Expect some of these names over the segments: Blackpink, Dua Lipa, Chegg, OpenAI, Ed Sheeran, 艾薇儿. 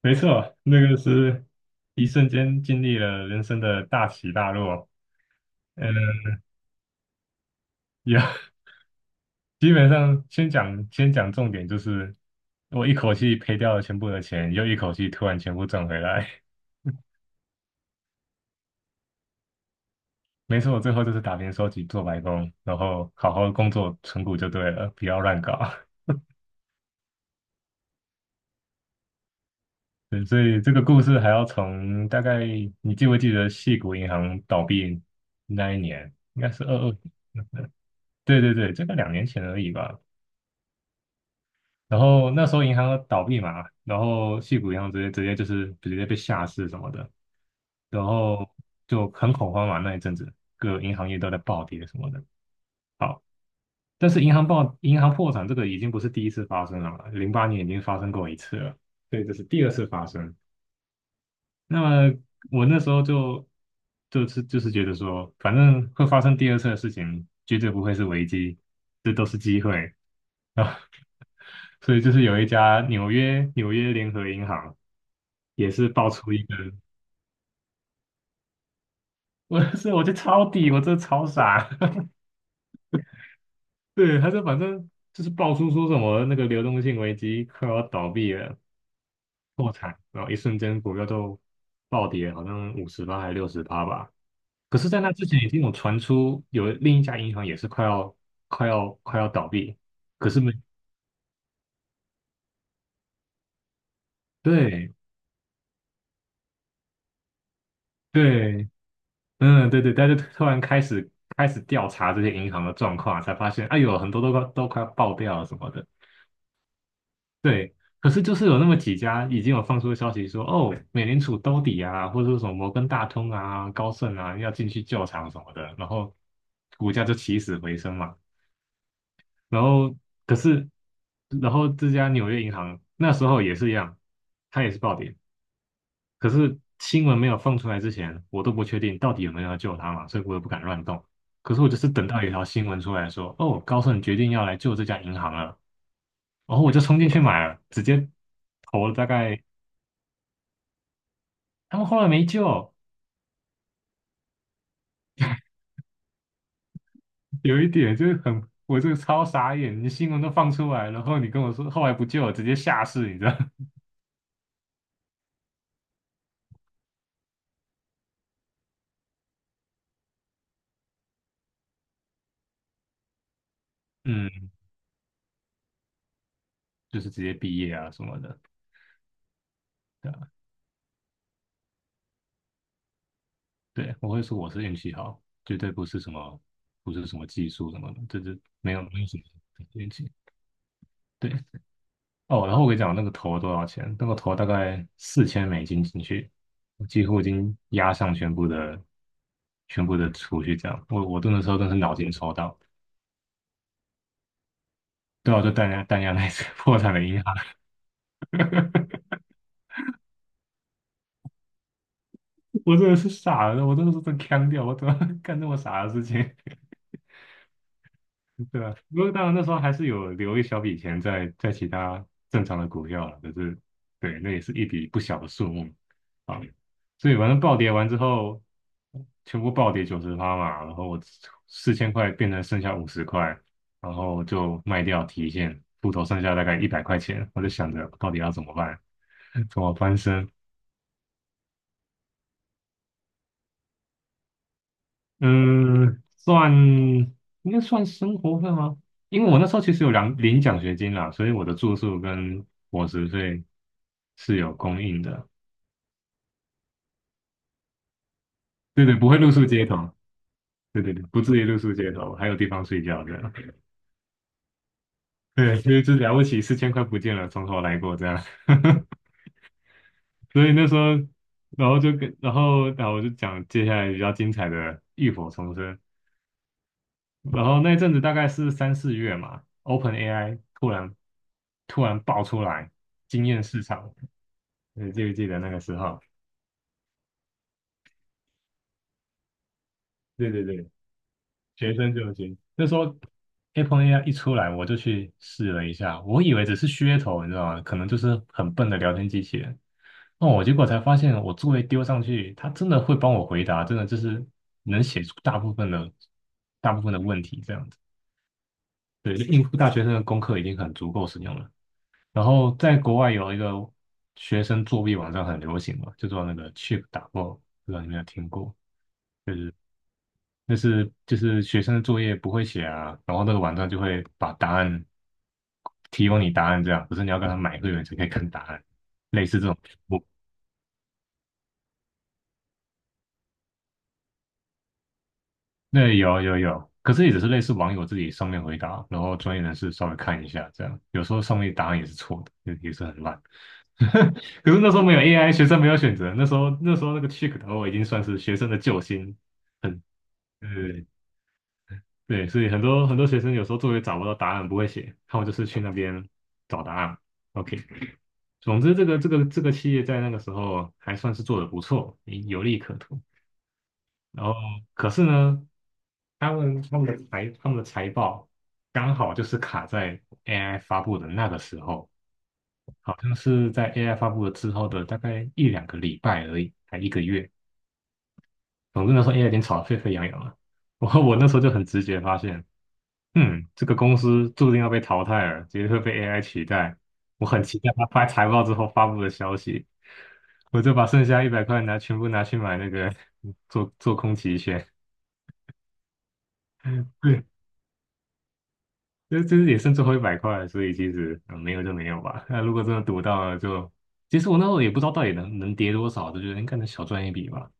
没错，那个是一瞬间经历了人生的大起大落。嗯，也 基本上先讲重点，就是我一口气赔掉了全部的钱，又一口气突然全部挣回来。没错，我最后就是打平收集做白工，然后好好工作存股就对了，不要乱搞。对，所以这个故事还要从大概你记不记得矽谷银行倒闭那一年，应该是二二，对对对，这个两年前而已吧。然后那时候银行倒闭嘛，然后矽谷银行直接被下市什么的，然后就很恐慌嘛，那一阵子各银行业都在暴跌什么的。但是银行破产这个已经不是第一次发生了嘛，零八年已经发生过一次了，所以这是第二次发生。那么我那时候就觉得说，反正会发生第二次的事情，绝对不会是危机，这都是机会啊。所以就是有一家纽约联合银行。也是爆出一个 我就抄底，我真的超傻。对，他就反正就是爆出说什么那个流动性危机快要倒闭了，破产，然后一瞬间股票就暴跌，好像五十趴还是60趴吧。可是，在那之前已经有传出有另一家银行也是快要倒闭，可是没对对，对对，但是突然开始调查这些银行的状况，才发现哎呦很多都快都快要爆掉了什么的。对，可是就是有那么几家已经有放出消息说，哦，美联储兜底啊，或者说什么摩根大通啊、高盛啊要进去救场什么的，然后股价就起死回生嘛。然后可是，然后这家纽约银行那时候也是一样，它也是暴跌。可是新闻没有放出来之前，我都不确定到底有没有要救它嘛，所以我也不敢乱动。可是我就是等到有一条新闻出来说，哦，高盛决定要来救这家银行了，然后我就冲进去买了，直接投了大概。他们后来没救，有一点就是很，我这个超傻眼，你新闻都放出来，然后你跟我说后来不救，直接下市，你知道？嗯，就是直接毕业啊什么的，对啊，对，我会说我是运气好，绝对不是什么不是什么技术什么的，这没有没有什么运气。对哦，然后我跟你讲那个投多少钱，那个投大概四千美金进去，我几乎已经压上全部的储蓄，这样，我那时候真是脑筋抽到，对啊，就弹压那一次 破产的银行。我真的是傻了，我真的是真腔掉，我怎么 干这么傻的事情，对吧？不过当然那时候还是有留一小笔钱在其他正常的股票了，可是对，那也是一笔不小的数目啊。所以反正暴跌完之后，全部暴跌90趴嘛，然后我四千块变成剩下五十块，然后就卖掉提现，户头剩下大概一百块钱，我就想着到底要怎么办，怎么翻身。嗯，算应该算生活费吗？因为我那时候其实有两领奖学金啦，所以我的住宿跟伙食费是有供应的。对对，不会露宿街头。对对对，不至于露宿街头，还有地方睡觉这样。对，所以就了不起，四千块不见了，从头来过这样。所以那时候，然后就跟，然后，然后我就讲接下来比较精彩的浴火重生。然后那阵子大概是三四月嘛，OpenAI 突然爆出来惊艳市场，你记不记得那个时候？对对对，学生就行。那时候 ApenAI 一出来，我就去试了一下，我以为只是噱头，你知道吗？可能就是很笨的聊天机器人。哦，我结果才发现，我作业丢上去，它真的会帮我回答，真的就是能写出大部分的问题这样子。对，就应付大学生的功课已经很足够使用了。然后在国外有一个学生作弊网站很流行嘛，就做那个 Chip e 打爆，不知道你有没有听过？就是那是就是学生的作业不会写啊，然后那个网站就会把答案提供你答案这样，可是你要跟他买会员才可以看答案，类似这种。那有有有，可是也只是类似网友自己上面回答，然后专业人士稍微看一下，这样有时候上面答案也是错的，也也是很烂。可是那时候没有 AI，学生没有选择，那时候那个 Chick 的话已经算是学生的救星，很对对，所以很多学生有时候作业找不到答案，不会写，他们就是去那边找答案。OK，总之这个企业在那个时候还算是做得不错，有利可图。然后可是呢，他们的财报刚好就是卡在 AI 发布的那个时候，好像是在 AI 发布了之后的大概一两个礼拜而已，才一个月。总之那时候 AI 已经炒得沸沸扬扬了，我那时候就很直觉发现，嗯，这个公司注定要被淘汰了，绝对会被 AI 取代。我很期待他发财报之后发布的消息，我就把剩下一百块拿全部拿去买那个 做空期权。对这这也剩最后一百块了，所以其实、没有就没有吧。那如果真的赌到了就，其实我那时候也不知道到底能跌多少，就觉得应该能小赚一笔吧。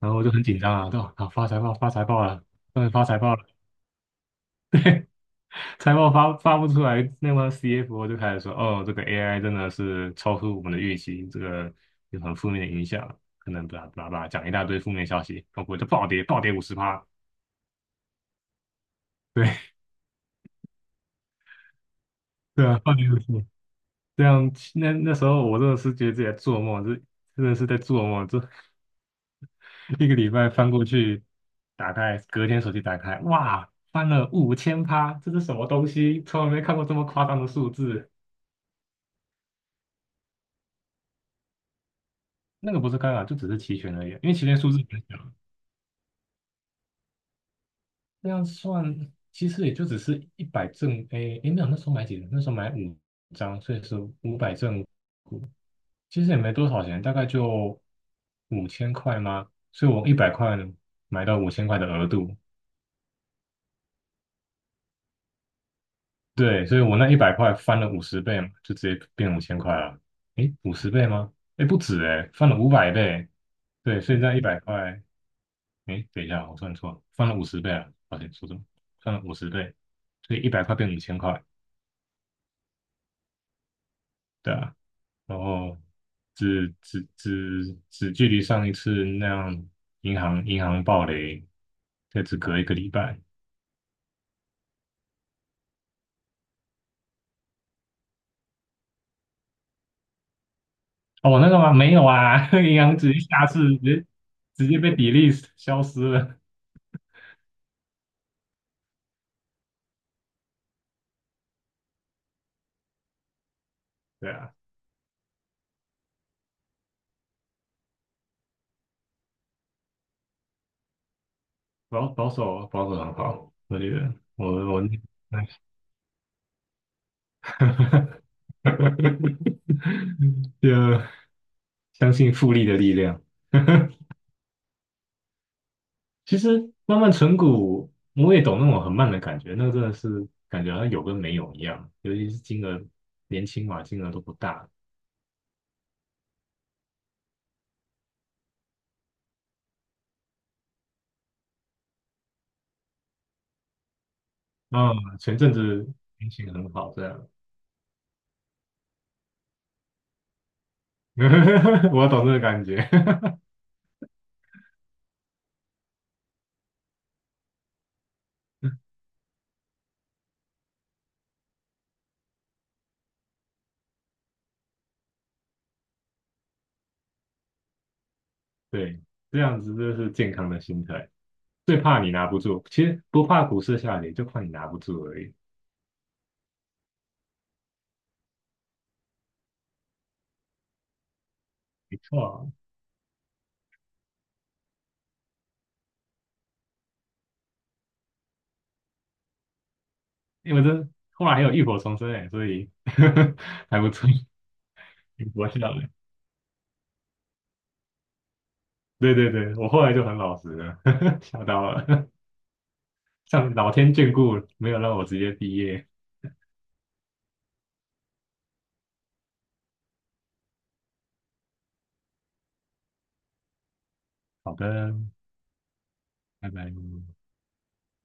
然后我就很紧张啊，对吧？啊，发财报发财报了，终于发财报了，财报发发不出来，那么 CFO 就开始说，哦，这个 AI 真的是超出我们的预期，这个有很负面的影响，可能巴拉巴拉巴拉讲一大堆负面消息，然后我就暴跌五十趴，对 对啊，暴跌五十。这样，那那时候我真的是觉得自己在做梦，这真的是在做梦，这 一个礼拜翻过去，打开，隔天手机打开，哇，翻了5000趴，这是什么东西？从来没看过这么夸张的数字。那个不是干扰，就只是期权而已啊，因为期权数字很小，这样算其实也就只是一百正，诶，诶，没有，那时候买几张？那时候买五张，所以是五百正，其实也没多少钱，大概就五千块吗？所以我一百块买到五千块的额度，对，所以我那一百块翻了五十倍嘛，就直接变五千块了。诶，五十倍吗？诶，不止诶，翻了五百倍。对，所以那一百块，诶，等一下，我算错了，翻了五十倍啊，抱歉，说错了，翻了五十倍，所以一百块变五千块。对啊，然后只距离上一次那样银行暴雷，这只隔一个礼拜。哦，那个吗？没有啊，银行直接下次直接被比 e l e t 消失了。对啊。保守保守很好，我觉得我我 就相信复利的力量。其实慢慢存股，我也懂那种很慢的感觉，那个真的是感觉好像有跟没有一样，尤其是金额年轻嘛，金额都不大。啊、前阵子心情很好，这样，我懂这个感觉。对，这样子就是健康的心态。最怕你拿不住，其实不怕股市下跌，就怕你拿不住而已。没错啊因为这后来还有浴火重生哎，所以 还不错，不会笑的。对对对，我后来就很老实了，吓到了，像老天眷顾，没有让我直接毕业。好的，拜拜。